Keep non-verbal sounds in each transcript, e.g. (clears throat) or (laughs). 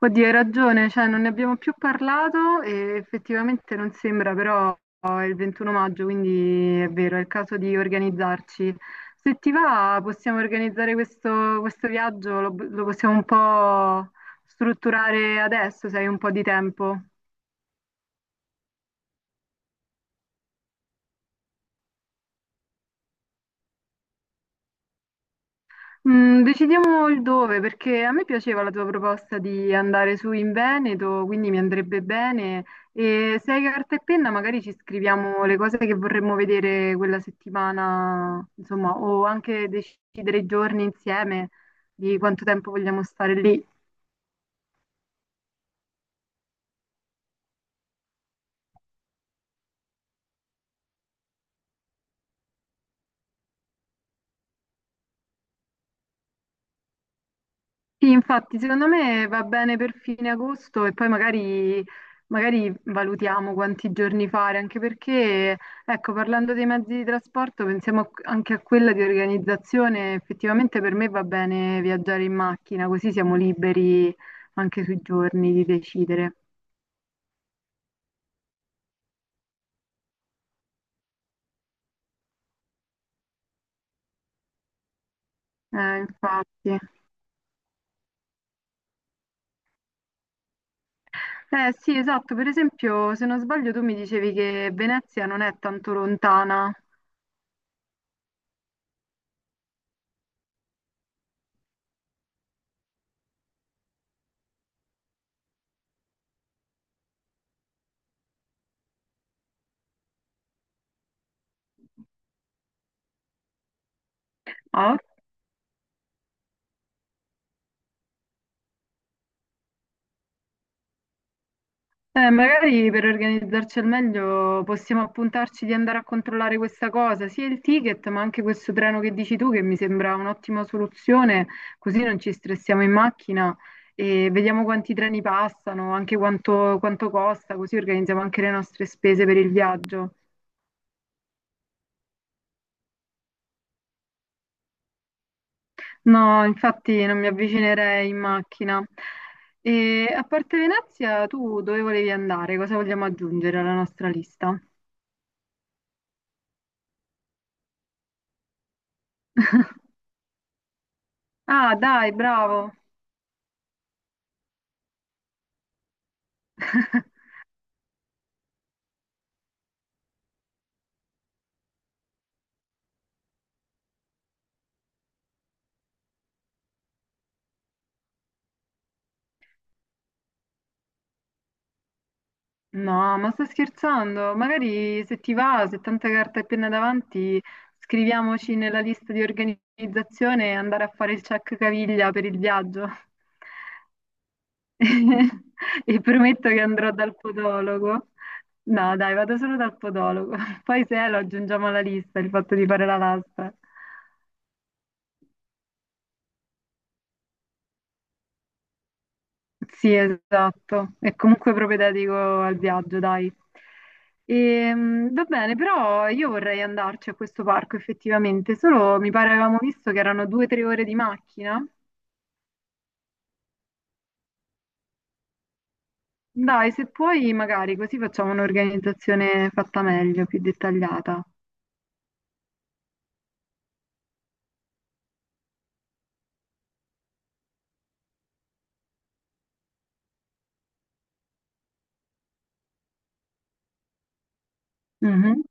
Oddio, hai ragione, cioè non ne abbiamo più parlato e effettivamente non sembra, però è il 21 maggio, quindi è vero, è il caso di organizzarci. Se ti va, possiamo organizzare questo viaggio, lo possiamo un po' strutturare adesso, se hai un po' di tempo. Decidiamo il dove, perché a me piaceva la tua proposta di andare su in Veneto, quindi mi andrebbe bene. E se hai carta e penna, magari ci scriviamo le cose che vorremmo vedere quella settimana, insomma, o anche decidere i giorni insieme di quanto tempo vogliamo stare lì. Sì, infatti, secondo me va bene per fine agosto e poi magari valutiamo quanti giorni fare, anche perché, ecco, parlando dei mezzi di trasporto, pensiamo anche a quella di organizzazione. Effettivamente per me va bene viaggiare in macchina, così siamo liberi anche sui giorni di decidere. Infatti. Eh sì, esatto, per esempio, se non sbaglio tu mi dicevi che Venezia non è tanto lontana. Ah. Magari per organizzarci al meglio possiamo appuntarci di andare a controllare questa cosa, sia il ticket ma anche questo treno che dici tu che mi sembra un'ottima soluzione, così non ci stressiamo in macchina e vediamo quanti treni passano, anche quanto costa, così organizziamo anche le nostre spese per il viaggio. No, infatti non mi avvicinerei in macchina. E a parte Venezia, tu dove volevi andare? Cosa vogliamo aggiungere alla nostra lista? (laughs) Ah, dai, bravo. (laughs) No, ma sto scherzando. Magari se ti va, se tanta carta e penna davanti, scriviamoci nella lista di organizzazione e andare a fare il check caviglia per il viaggio. (laughs) E prometto che andrò dal podologo. No, dai, vado solo dal podologo. (laughs) Poi se è, lo aggiungiamo alla lista, il fatto di fare la lastra. Sì, esatto. È comunque propedeutico al viaggio, dai. Va bene, però io vorrei andarci a questo parco effettivamente, solo mi pare avevamo visto che erano due o tre ore di macchina. Dai, se puoi, magari così facciamo un'organizzazione fatta meglio, più dettagliata. Mhm.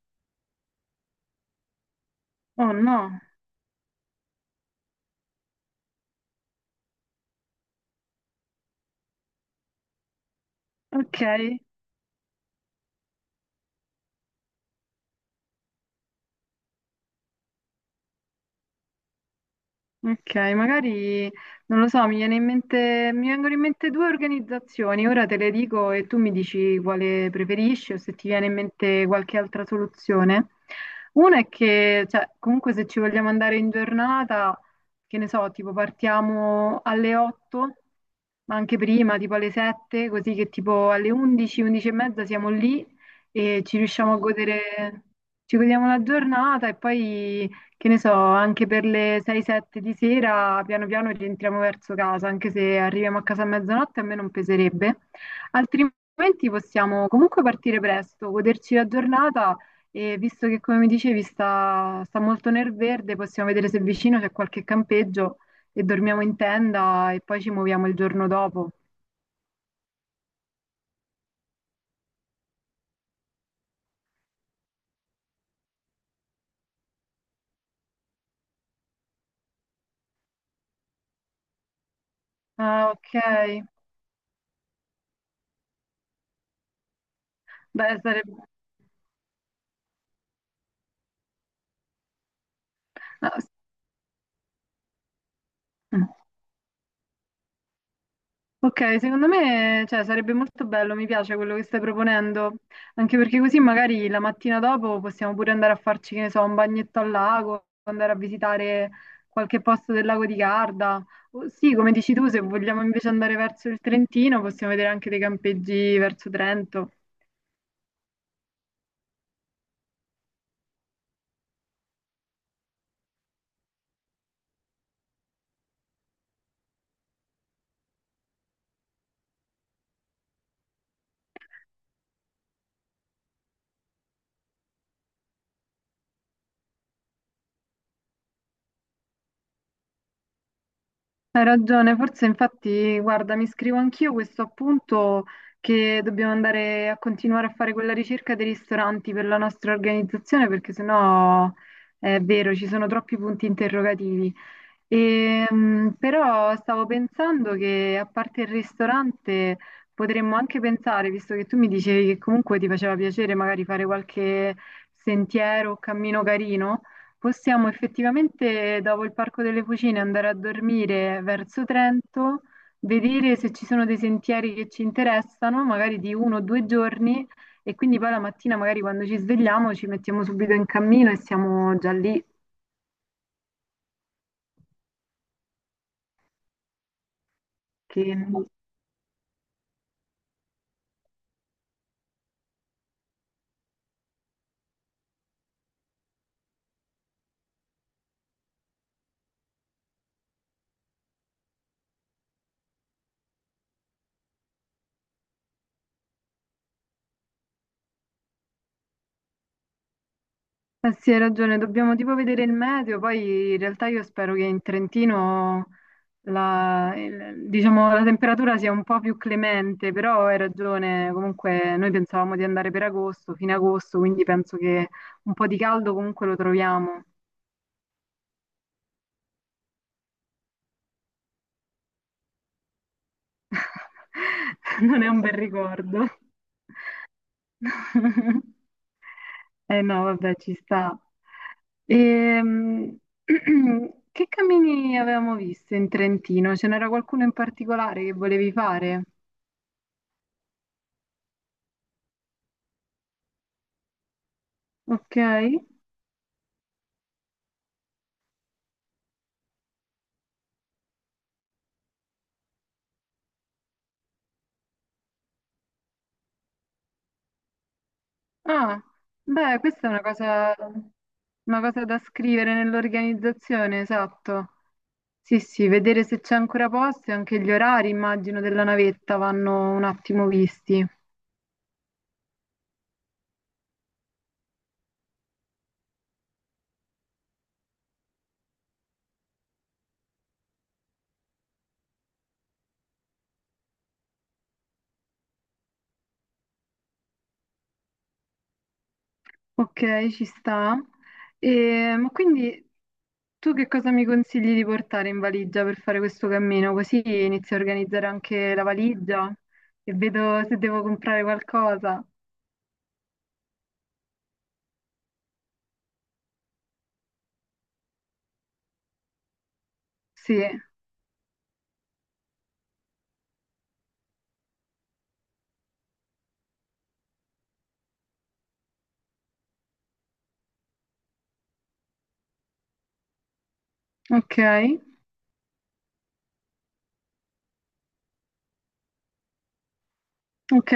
Oh no. Ok. Ok, magari non lo so, mi viene in mente, mi vengono in mente due organizzazioni, ora te le dico e tu mi dici quale preferisci o se ti viene in mente qualche altra soluzione. Una è che, cioè, comunque se ci vogliamo andare in giornata, che ne so, tipo partiamo alle 8, ma anche prima, tipo alle 7, così che tipo alle 11, 11 e mezza siamo lì e ci riusciamo a godere, ci godiamo la giornata e poi che ne so, anche per le 6-7 di sera, piano piano rientriamo verso casa, anche se arriviamo a casa a mezzanotte a me non peserebbe. Altrimenti possiamo comunque partire presto, goderci la giornata e visto che, come mi dicevi, sta molto nel verde, possiamo vedere se vicino c'è qualche campeggio e dormiamo in tenda e poi ci muoviamo il giorno dopo. Ah, ok. Beh, sarebbe... ah, sì. Ok, secondo me, cioè, sarebbe molto bello, mi piace quello che stai proponendo, anche perché così magari la mattina dopo possiamo pure andare a farci, che ne so, un bagnetto al lago, andare a visitare qualche posto del lago di Garda. O sì, come dici tu, se vogliamo invece andare verso il Trentino, possiamo vedere anche dei campeggi verso Trento. Hai ragione, forse infatti, guarda, mi scrivo anch'io questo appunto che dobbiamo andare a continuare a fare quella ricerca dei ristoranti per la nostra organizzazione, perché sennò è vero, ci sono troppi punti interrogativi. Però stavo pensando che a parte il ristorante potremmo anche pensare, visto che tu mi dicevi che comunque ti faceva piacere magari fare qualche sentiero o cammino carino, possiamo effettivamente dopo il Parco delle Fucine andare a dormire verso Trento, vedere se ci sono dei sentieri che ci interessano, magari di uno o due giorni, e quindi poi la mattina magari quando ci svegliamo ci mettiamo subito in cammino e siamo già lì, che Eh sì, hai ragione, dobbiamo tipo vedere il meteo, poi in realtà io spero che in Trentino diciamo, la temperatura sia un po' più clemente, però hai ragione, comunque noi pensavamo di andare per agosto, fine agosto, quindi penso che un po' di caldo comunque lo troviamo. (laughs) Non è un bel ricordo. (laughs) Eh no, vabbè, ci sta. Ehm, (clears throat) che cammini avevamo visto in Trentino? Ce n'era qualcuno in particolare che volevi fare? Ok. Ah, beh, questa è una cosa da scrivere nell'organizzazione, esatto. Sì, sì, vedere se c'è ancora posto e anche gli orari, immagino, della navetta vanno un attimo visti. Ok, ci sta. E, ma quindi tu che cosa mi consigli di portare in valigia per fare questo cammino? Così inizio a organizzare anche la valigia e vedo se devo comprare qualcosa. Sì, ok, ok.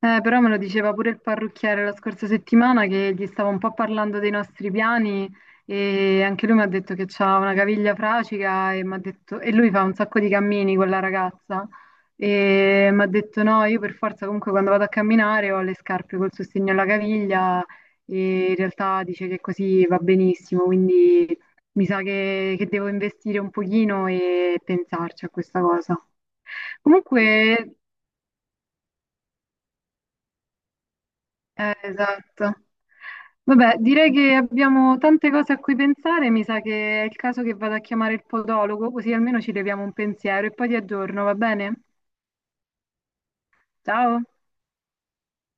Però me lo diceva pure il parrucchiere la scorsa settimana che gli stavo un po' parlando dei nostri piani e anche lui mi ha detto che c'ha una caviglia fracica e, e lui fa un sacco di cammini con la ragazza e mi ha detto no, io per forza comunque quando vado a camminare ho le scarpe col sostegno alla caviglia e in realtà dice che così va benissimo, quindi mi sa che devo investire un pochino e pensarci a questa cosa. Sì. Comunque, eh, esatto. Vabbè, direi che abbiamo tante cose a cui pensare, mi sa che è il caso che vado a chiamare il podologo, così almeno ci leviamo un pensiero e poi ti aggiorno, va bene? Ciao.